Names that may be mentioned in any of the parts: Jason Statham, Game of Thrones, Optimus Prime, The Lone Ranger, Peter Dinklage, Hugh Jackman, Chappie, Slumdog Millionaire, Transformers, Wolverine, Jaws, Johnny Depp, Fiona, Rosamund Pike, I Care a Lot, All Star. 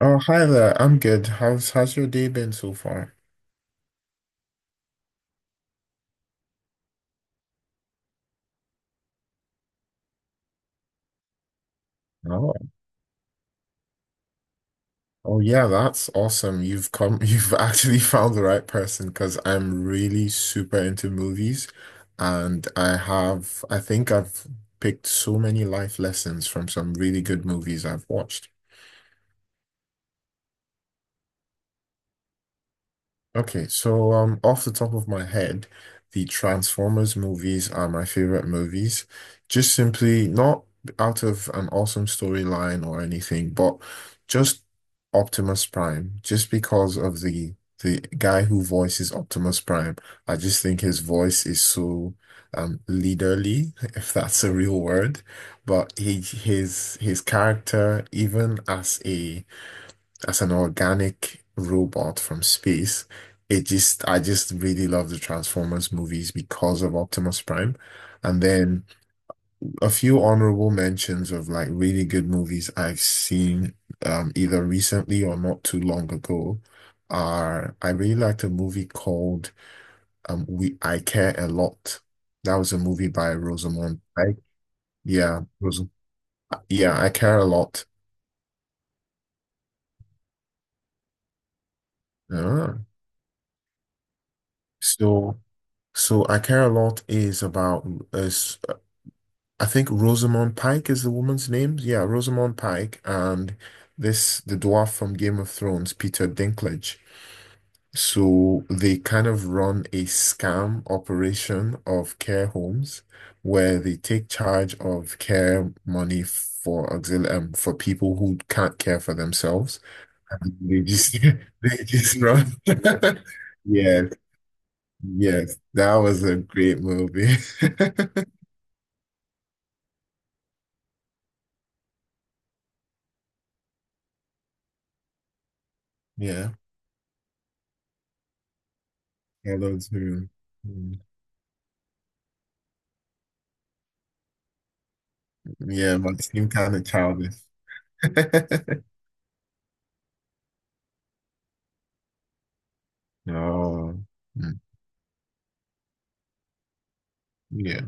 Oh, hi there. I'm good. How's your day been so far? Oh, oh yeah, that's awesome. You've come, you've actually found the right person because I'm really super into movies and I think I've picked so many life lessons from some really good movies I've watched. Okay, so off the top of my head, the Transformers movies are my favorite movies. Just simply not out of an awesome storyline or anything, but just Optimus Prime. Just because of the guy who voices Optimus Prime, I just think his voice is so leaderly, if that's a real word. But he his character, even as a as an organic robot from space. I just really love the Transformers movies because of Optimus Prime. And then a few honorable mentions of like really good movies I've seen either recently or not too long ago are I really liked a movie called We I Care a Lot. That was a movie by Rosamund Pike. Yeah, Rosam yeah, I Care a Lot. Uh, so. So I Care a Lot is about is I think Rosamund Pike is the woman's name. Yeah, Rosamund Pike and this the dwarf from Game of Thrones, Peter Dinklage. So they kind of run a scam operation of care homes where they take charge of care money for auxil for people who can't care for themselves. And they just they just run. Yes, yes, that was a great movie. Yeah, I love too. Mm. Yeah, my team kind of childish. Oh, mm. Yeah,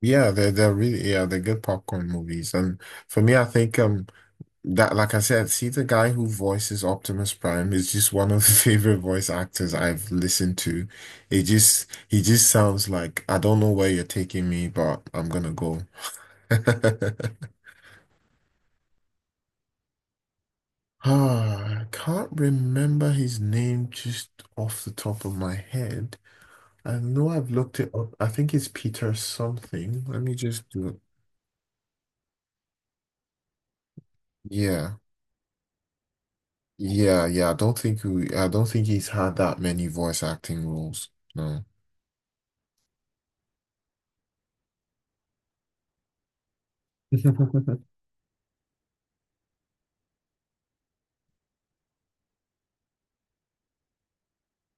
yeah. They're really yeah they're good popcorn movies, and for me, I think that like I said, see the guy who voices Optimus Prime is just one of the favorite voice actors I've listened to. It just he just sounds like I don't know where you're taking me, but I'm gonna go. Ah, I can't remember his name just off the top of my head. I know I've looked it up. I think it's Peter something. Let me just do it. Yeah. Yeah, yeah. I don't think he's had that many voice acting roles. No.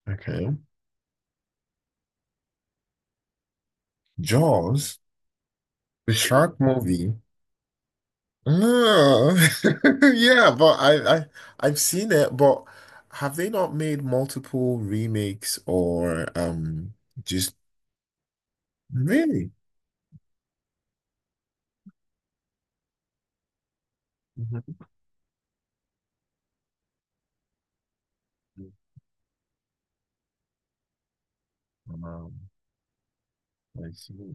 Okay. Jaws, the shark movie. No. Yeah, but I, I've seen it, but have they not made multiple remakes or just really? Mhm. Um, I see.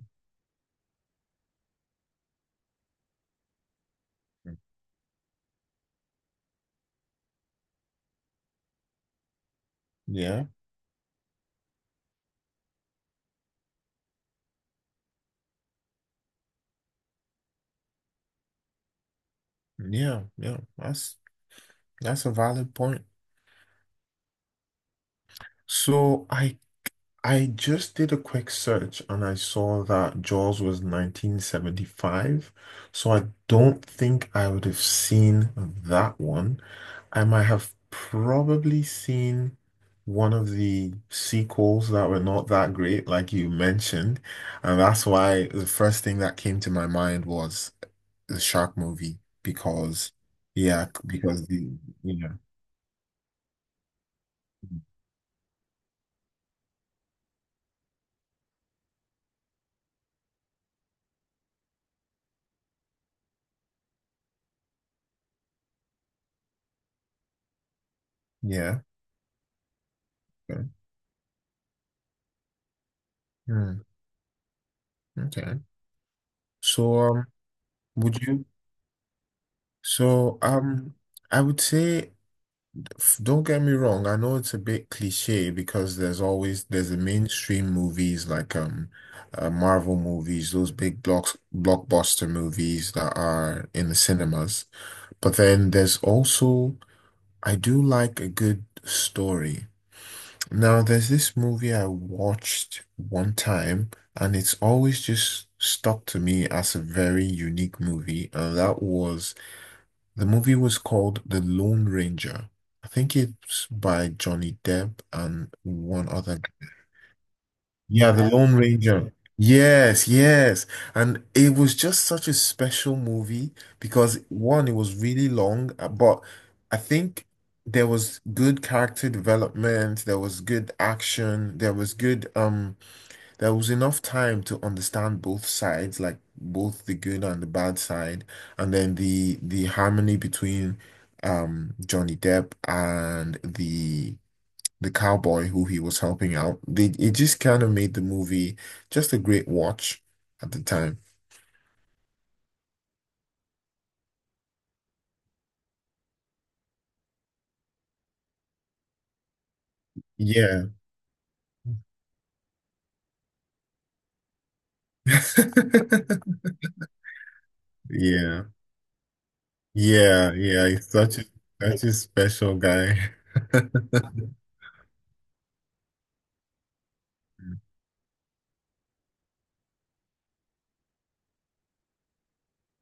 Yeah, yeah, yeah. That's a valid point. So I just did a quick search and I saw that Jaws was 1975. So I don't think I would have seen that one. I might have probably seen one of the sequels that were not that great, like you mentioned. And that's why the first thing that came to my mind was the shark movie because yeah, because the you know, yeah. Okay. Hmm, okay. So, um, would you? So, um, I would say, don't get me wrong. I know it's a bit cliche because there's the mainstream movies like Marvel movies, those big blocks blockbuster movies that are in the cinemas. But then there's also I do like a good story. Now, there's this movie I watched one time, and it's always just stuck to me as a very unique movie, and that was the movie was called The Lone Ranger. I think it's by Johnny Depp and one other. Yeah, The Lone Ranger. Yes, yes. And it was just such a special movie because one, it was really long, but I think there was good character development, there was good action, there was good. There was enough time to understand both sides, like both the good and the bad side, and then the harmony between Johnny Depp and the cowboy who he was helping out. They, it just kind of made the movie just a great watch at the time. Yeah. Yeah. Yeah, yeah. He's such a Such a special guy.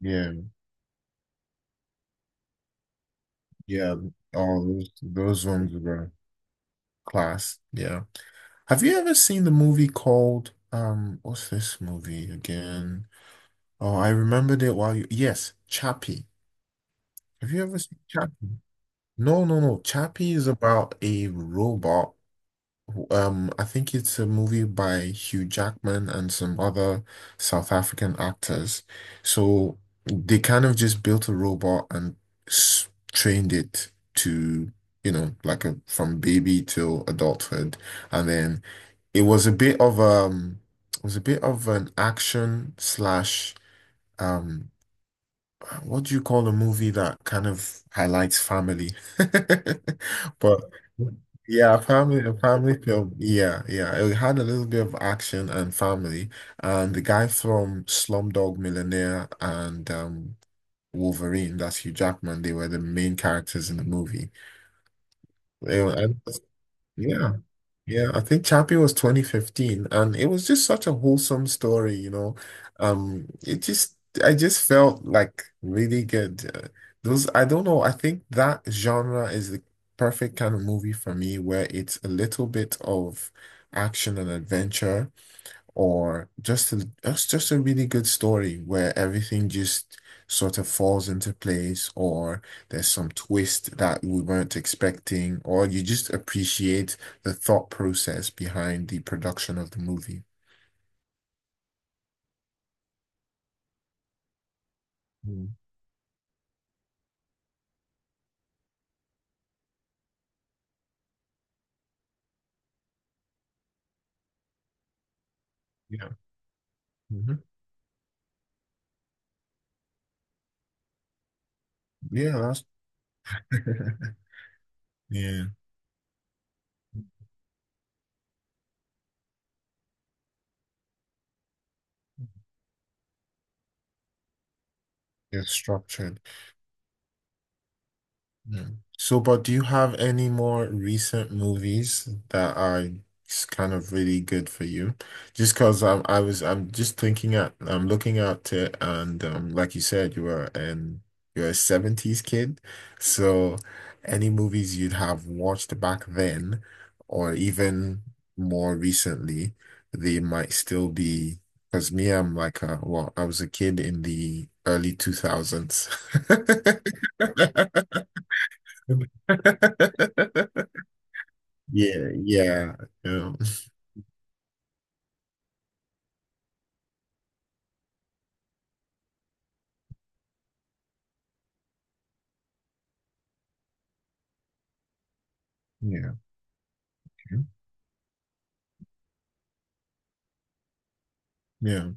Yeah, yeah. All those ones were class. Yeah. Have you ever seen the movie called what's this movie again? Oh, I remembered it while you yes, Chappie. Have you ever seen Chappie? No, no, no. Chappie is about a robot I think it's a movie by Hugh Jackman and some other South African actors. So they kind of just built a robot and s trained it to, you know, like a, from baby till adulthood. And then it was a bit of um, it was a bit of an action slash um. What do you call a movie that kind of highlights family? But yeah, a family film. Yeah, yeah. It had a little bit of action and family. And the guy from Slumdog Millionaire and Wolverine, that's Hugh Jackman, they were the main characters in the movie. They were- and- yeah. Yeah, I think Chappie was 2015, and it was just such a wholesome story, you know. Um, it just, I just felt like really good. Those, I don't know, I think that genre is the perfect kind of movie for me where it's a little bit of action and adventure, or just a just just a really good story where everything just sort of falls into place, or there's some twist that we weren't expecting, or you just appreciate the thought process behind the production of the movie. Mm, yeah. Hmm. Yeah, that's yeah, it's structured. Yeah. So, but do you have any more recent movies that are kind of really good for you? Just because I'm just thinking I'm looking at it, and like you said, you were an you're a 70s kid, so any movies you'd have watched back then, or even more recently, they might still be. Because me, well, I was a kid in the early 2000s. Yeah, yeah, yeah, okay. Yeah,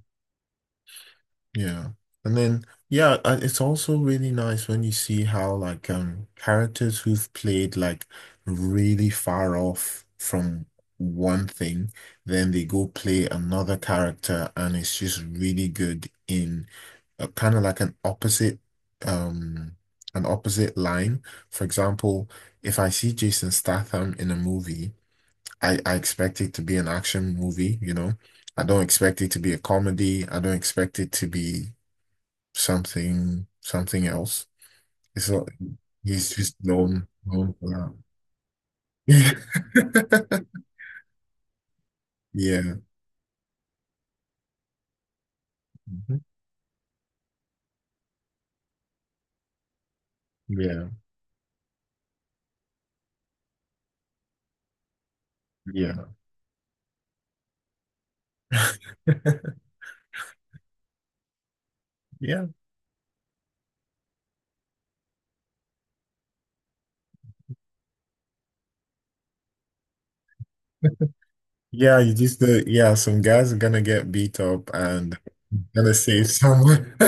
yeah. And then, yeah, it's also really nice when you see how like characters who've played like really far off from one thing, then they go play another character, and it's just really good in a kind of like um, an opposite line. For example, if I see Jason Statham in a movie. I expect it to be an action movie, you know. I don't expect it to be a comedy. I don't expect it to be something else. It's not, he's just known for that. Yeah. Mhm. Yeah. Yeah. Yeah. Yeah, you just yeah, some guys are gonna get beat up and gonna save someone.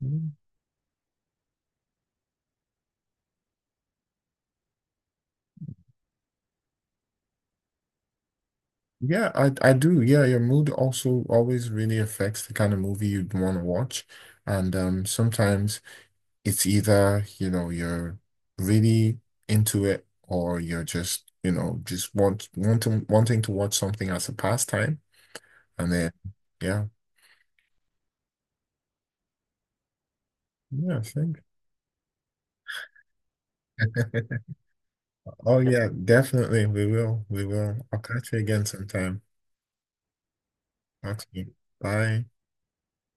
Yeah. Yeah, I do. Yeah, your mood also always really affects the kind of movie you'd want to watch. And sometimes it's either, you know, you're really into it or you're just, you know, just wanting to watch something as a pastime. And then yeah. Yeah, I think. Oh yeah, definitely. We will. We will. I'll catch you again sometime. Talk to you. Bye.